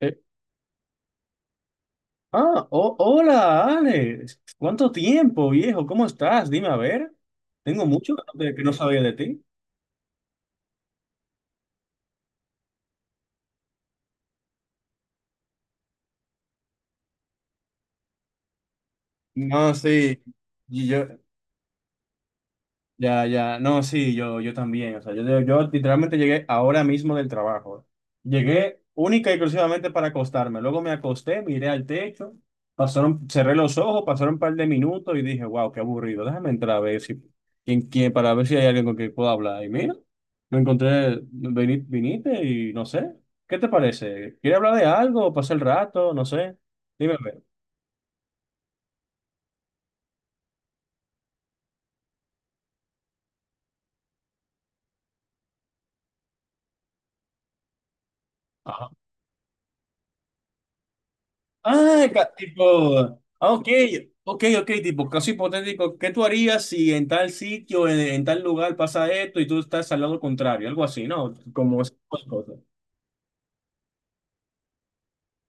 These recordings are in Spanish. Eh, hola, Alex. ¿Cuánto tiempo, viejo? ¿Cómo estás? Dime, a ver. Tengo mucho que no sabía de ti. No, sí, y yo. Ya, ya, no, sí, yo también, o sea, yo literalmente llegué ahora mismo del trabajo. Llegué única y exclusivamente para acostarme, luego me acosté, miré al techo, pasaron, cerré los ojos, pasaron un par de minutos y dije, wow, qué aburrido, déjame entrar a ver si, para ver si hay alguien con quien pueda hablar. Y mira, me encontré, viniste y no sé, ¿qué te parece? ¿Quieres hablar de algo? ¿Pasar el rato? No sé, dime, a ver. Tipo, ok, ok, tipo, caso hipotético, ¿qué tú harías si en tal sitio, en tal lugar pasa esto y tú estás al lado contrario? Algo así, ¿no? Como esas cosas.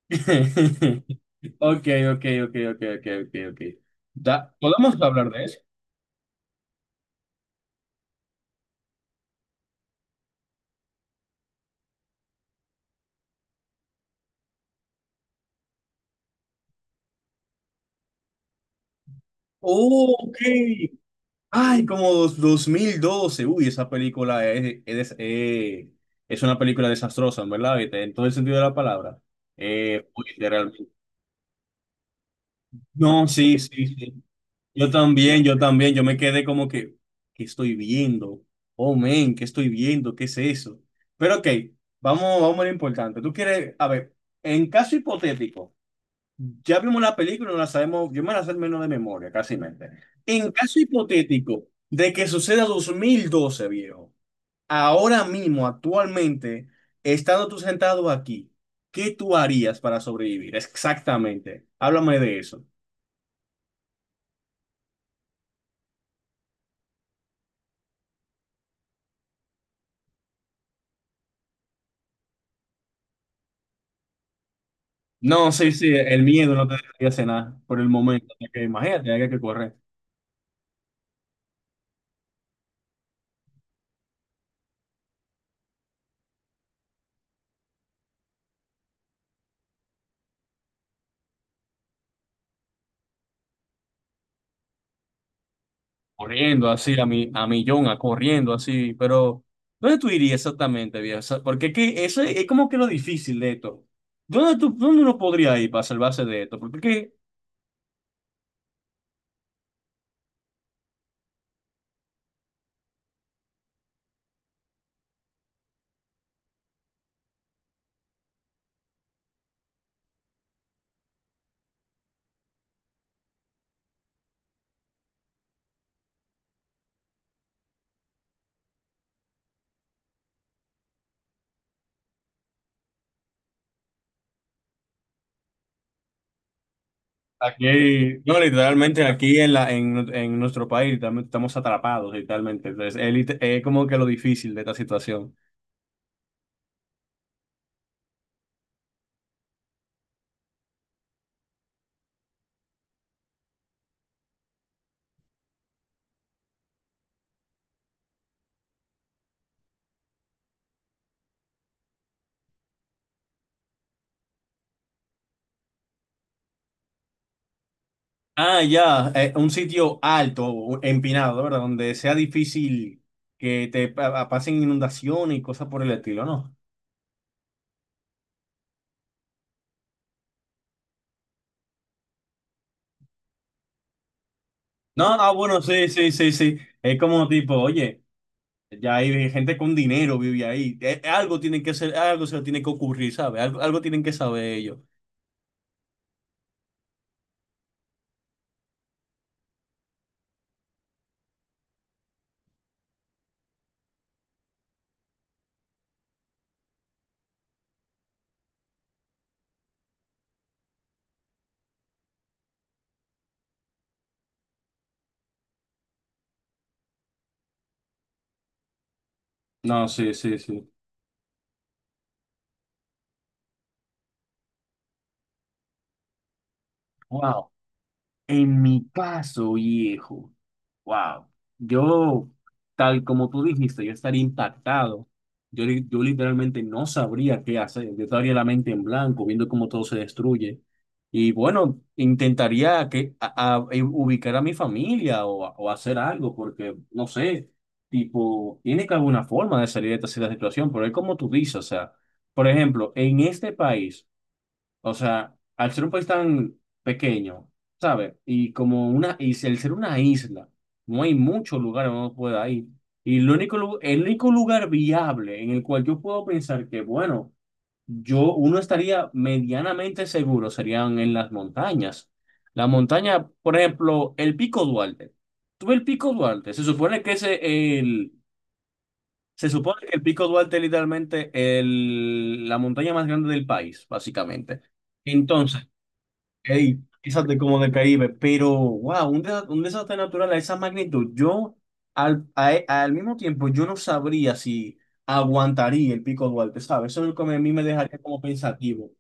Ok, ok. ¿Podemos hablar de eso? Oh, ok. Ay, 2012. Uy, esa película es una película desastrosa, ¿verdad? En todo el sentido de la palabra. Uy, realmente. No, sí, sí, sí. Yo también, yo también, yo me quedé como que, ¿qué estoy viendo? Oh, men, ¿qué estoy viendo? ¿Qué es eso? Pero ok, vamos a lo importante. Tú quieres, a ver, en caso hipotético, ya vimos la película, no la sabemos, yo me la sé menos de memoria, casi mente. En caso hipotético de que suceda 2012, viejo, ahora mismo, actualmente, estando tú sentado aquí, ¿qué tú harías para sobrevivir? Exactamente, háblame de eso. No, sí, sí, el miedo no te dejaría cenar por el momento. Porque imagínate, hay que correr, corriendo así a mi, a millón, a corriendo así. Pero, ¿dónde tú irías exactamente, viejo? O sea, porque que eso es como que lo difícil de esto. ¿Dónde tú, dónde uno podría ir para salvarse de esto? Porque que aquí, no, literalmente aquí en la, en nuestro país literalmente estamos atrapados, literalmente. Entonces, es, es como que lo difícil de esta situación. Ah, ya, un sitio alto, o empinado, ¿verdad? Donde sea difícil que te pasen inundaciones y cosas por el estilo, ¿no? No, no, bueno, sí, sí, sí, sí. Es como tipo, oye, ya hay gente con dinero vive ahí. Algo tienen que ser, algo se le tiene que ocurrir, ¿sabes? Algo, algo tienen que saber ellos. No, sí, sí, sí. Wow. En mi caso, viejo, wow, yo, tal como tú dijiste, yo estaría impactado. Yo, yo literalmente no sabría qué hacer. Yo estaría la mente en blanco, viendo cómo todo se destruye. Y bueno, intentaría que, ubicar a mi familia o, o hacer algo, porque no sé, tipo, tiene que haber una forma de salir de esta situación, pero es como tú dices, o sea, por ejemplo, en este país. O sea, al ser un país tan pequeño, ¿sabes? Y como una, y si al ser una isla, no hay muchos lugares donde uno pueda ir. Y el único, el único lugar viable en el cual yo puedo pensar que, bueno, yo, uno estaría medianamente seguro serían en las montañas. La montaña, por ejemplo, el Pico Duarte. Tú ves el Pico Duarte, se supone que ese, el, se supone que el Pico Duarte es literalmente el, la montaña más grande del país, básicamente. Entonces, ey, quizás como del Caribe, pero wow, un, un desastre natural a esa magnitud. Yo, al mismo tiempo, yo no sabría si aguantaría el Pico Duarte, ¿sabes? Eso es lo que a mí me dejaría como pensativo.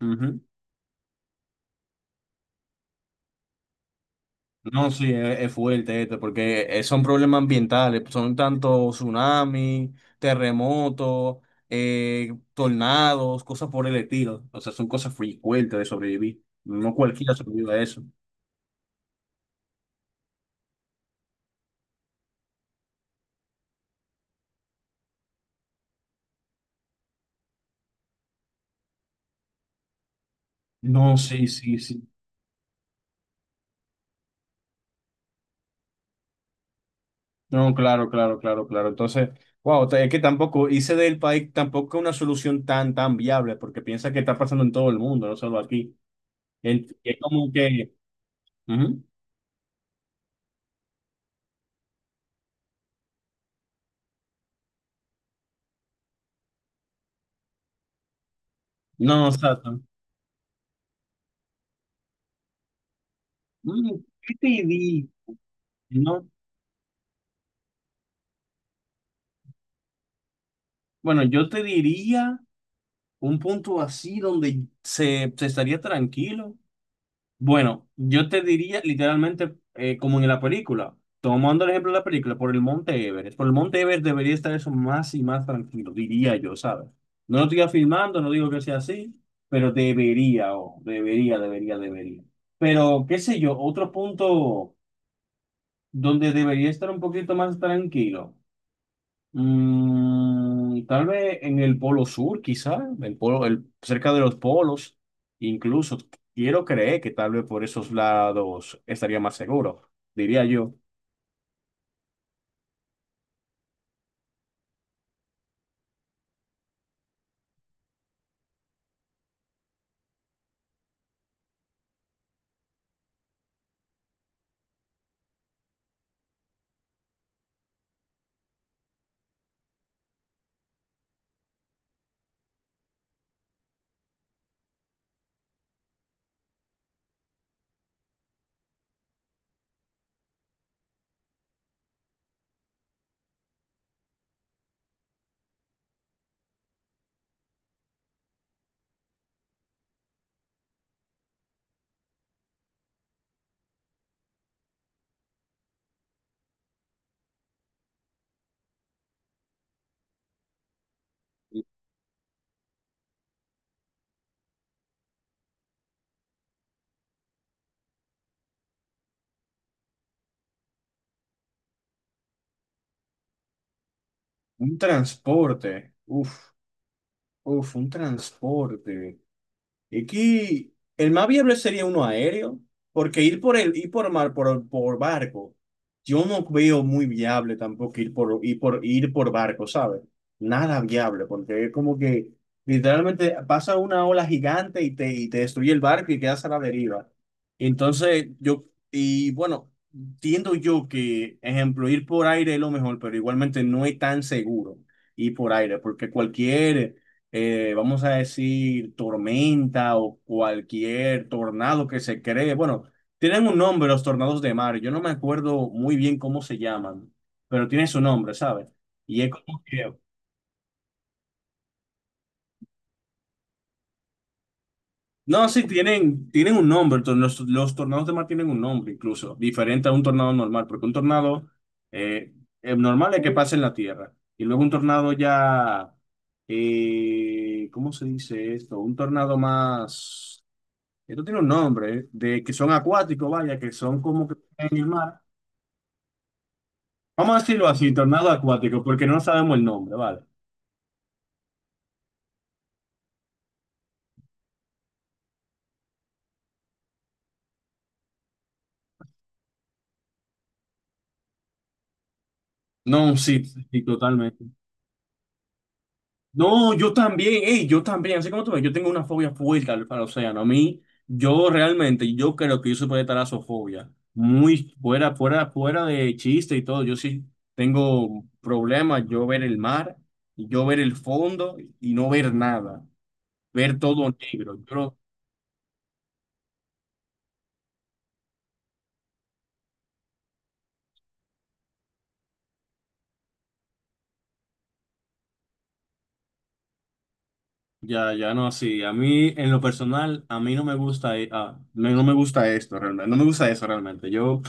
Ujú. No, sí, es fuerte esto, porque son problemas ambientales, son tanto tsunamis, terremotos, tornados, cosas por el estilo. O sea, son cosas muy fuertes de sobrevivir. No cualquiera sobrevive a eso. No, sí, sí, sí. No, claro, claro, claro, claro. Entonces, wow, es que tampoco hice del país tampoco una solución tan, tan viable, porque piensa que está pasando en todo el mundo, no solo aquí. Es como que, ujú. No, no, exacto. Mm, ¿qué te di? No. Bueno, yo te diría un punto así donde se estaría tranquilo. Bueno, yo te diría literalmente como en la película, tomando el ejemplo de la película, por el Monte Everest. Por el Monte Everest debería estar eso más y más tranquilo, diría yo, ¿sabes? No lo estoy afirmando, no digo que sea así, pero debería, o debería, debería, debería. Pero qué sé yo, otro punto donde debería estar un poquito más tranquilo. Mm, tal vez en el polo sur, quizá, el polo, el, cerca de los polos, incluso quiero creer que tal vez por esos lados estaría más seguro, diría yo. Un transporte, uff, uff, un transporte. Es que el más viable sería uno aéreo, porque ir por el, ir por mar, por barco, yo no veo muy viable tampoco ir por, ir por, ir por barco, ¿sabes? Nada viable, porque es como que literalmente pasa una ola gigante y te destruye el barco y quedas a la deriva. Entonces, yo, y bueno, entiendo yo que, ejemplo, ir por aire es lo mejor, pero igualmente no es tan seguro ir por aire, porque cualquier vamos a decir, tormenta o cualquier tornado que se cree. Bueno, tienen un nombre los tornados de mar. Yo no me acuerdo muy bien cómo se llaman, pero tiene su nombre, ¿sabes? Y es como que... No, sí, tienen, tienen un nombre. Los tornados de mar tienen un nombre incluso, diferente a un tornado normal, porque un tornado eh, normal es que pasa en la tierra. Y luego un tornado ya... ¿cómo se dice esto? Un tornado más... Esto tiene un nombre, ¿eh? De que son acuáticos, vaya, que son como que en el mar. Vamos a decirlo así, tornado acuático, porque no sabemos el nombre, ¿vale? No, sí, sí, totalmente. No, yo también, ey, yo también, así como tú ves, yo tengo una fobia fuerte al, al océano. A mí, yo realmente, yo creo que yo soy de talasofobia. Muy fuera, fuera, fuera de chiste y todo. Yo sí tengo problemas, yo ver el mar, yo ver el fondo y no ver nada, ver todo negro. Yo, no. Ya, ya no, sí. A mí, en lo personal, a mí no me gusta, no, no me gusta esto realmente. No me gusta eso realmente. Yo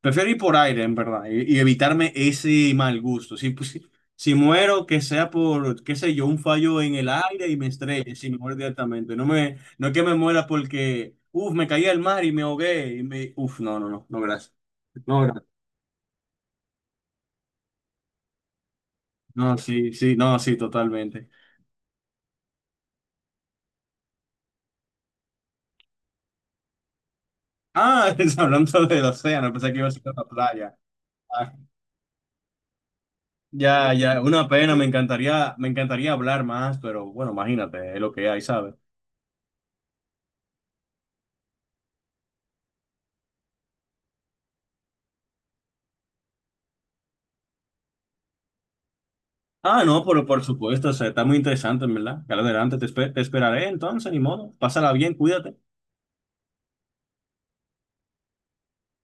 prefiero ir por aire, en verdad, y evitarme ese mal gusto. Si, pues, si, si muero, que sea por, qué sé yo, un fallo en el aire y me estrelle, si me muero directamente. No me, no es que me muera porque, uff, me caí al mar y me ahogué. Y me, uff, no, no, no, no, gracias. No, gracias. No, sí, sí, no, sí, totalmente. Ah, hablando del océano, pensé que iba a ser la playa. Ah. Ya, ya, una pena, me encantaría hablar más, pero bueno, imagínate, es lo que hay, ¿sabes? Ah, no, pero por supuesto, o sea, está muy interesante, ¿en verdad? Claro, adelante, te, te esperaré entonces, ni modo. Pásala bien, cuídate.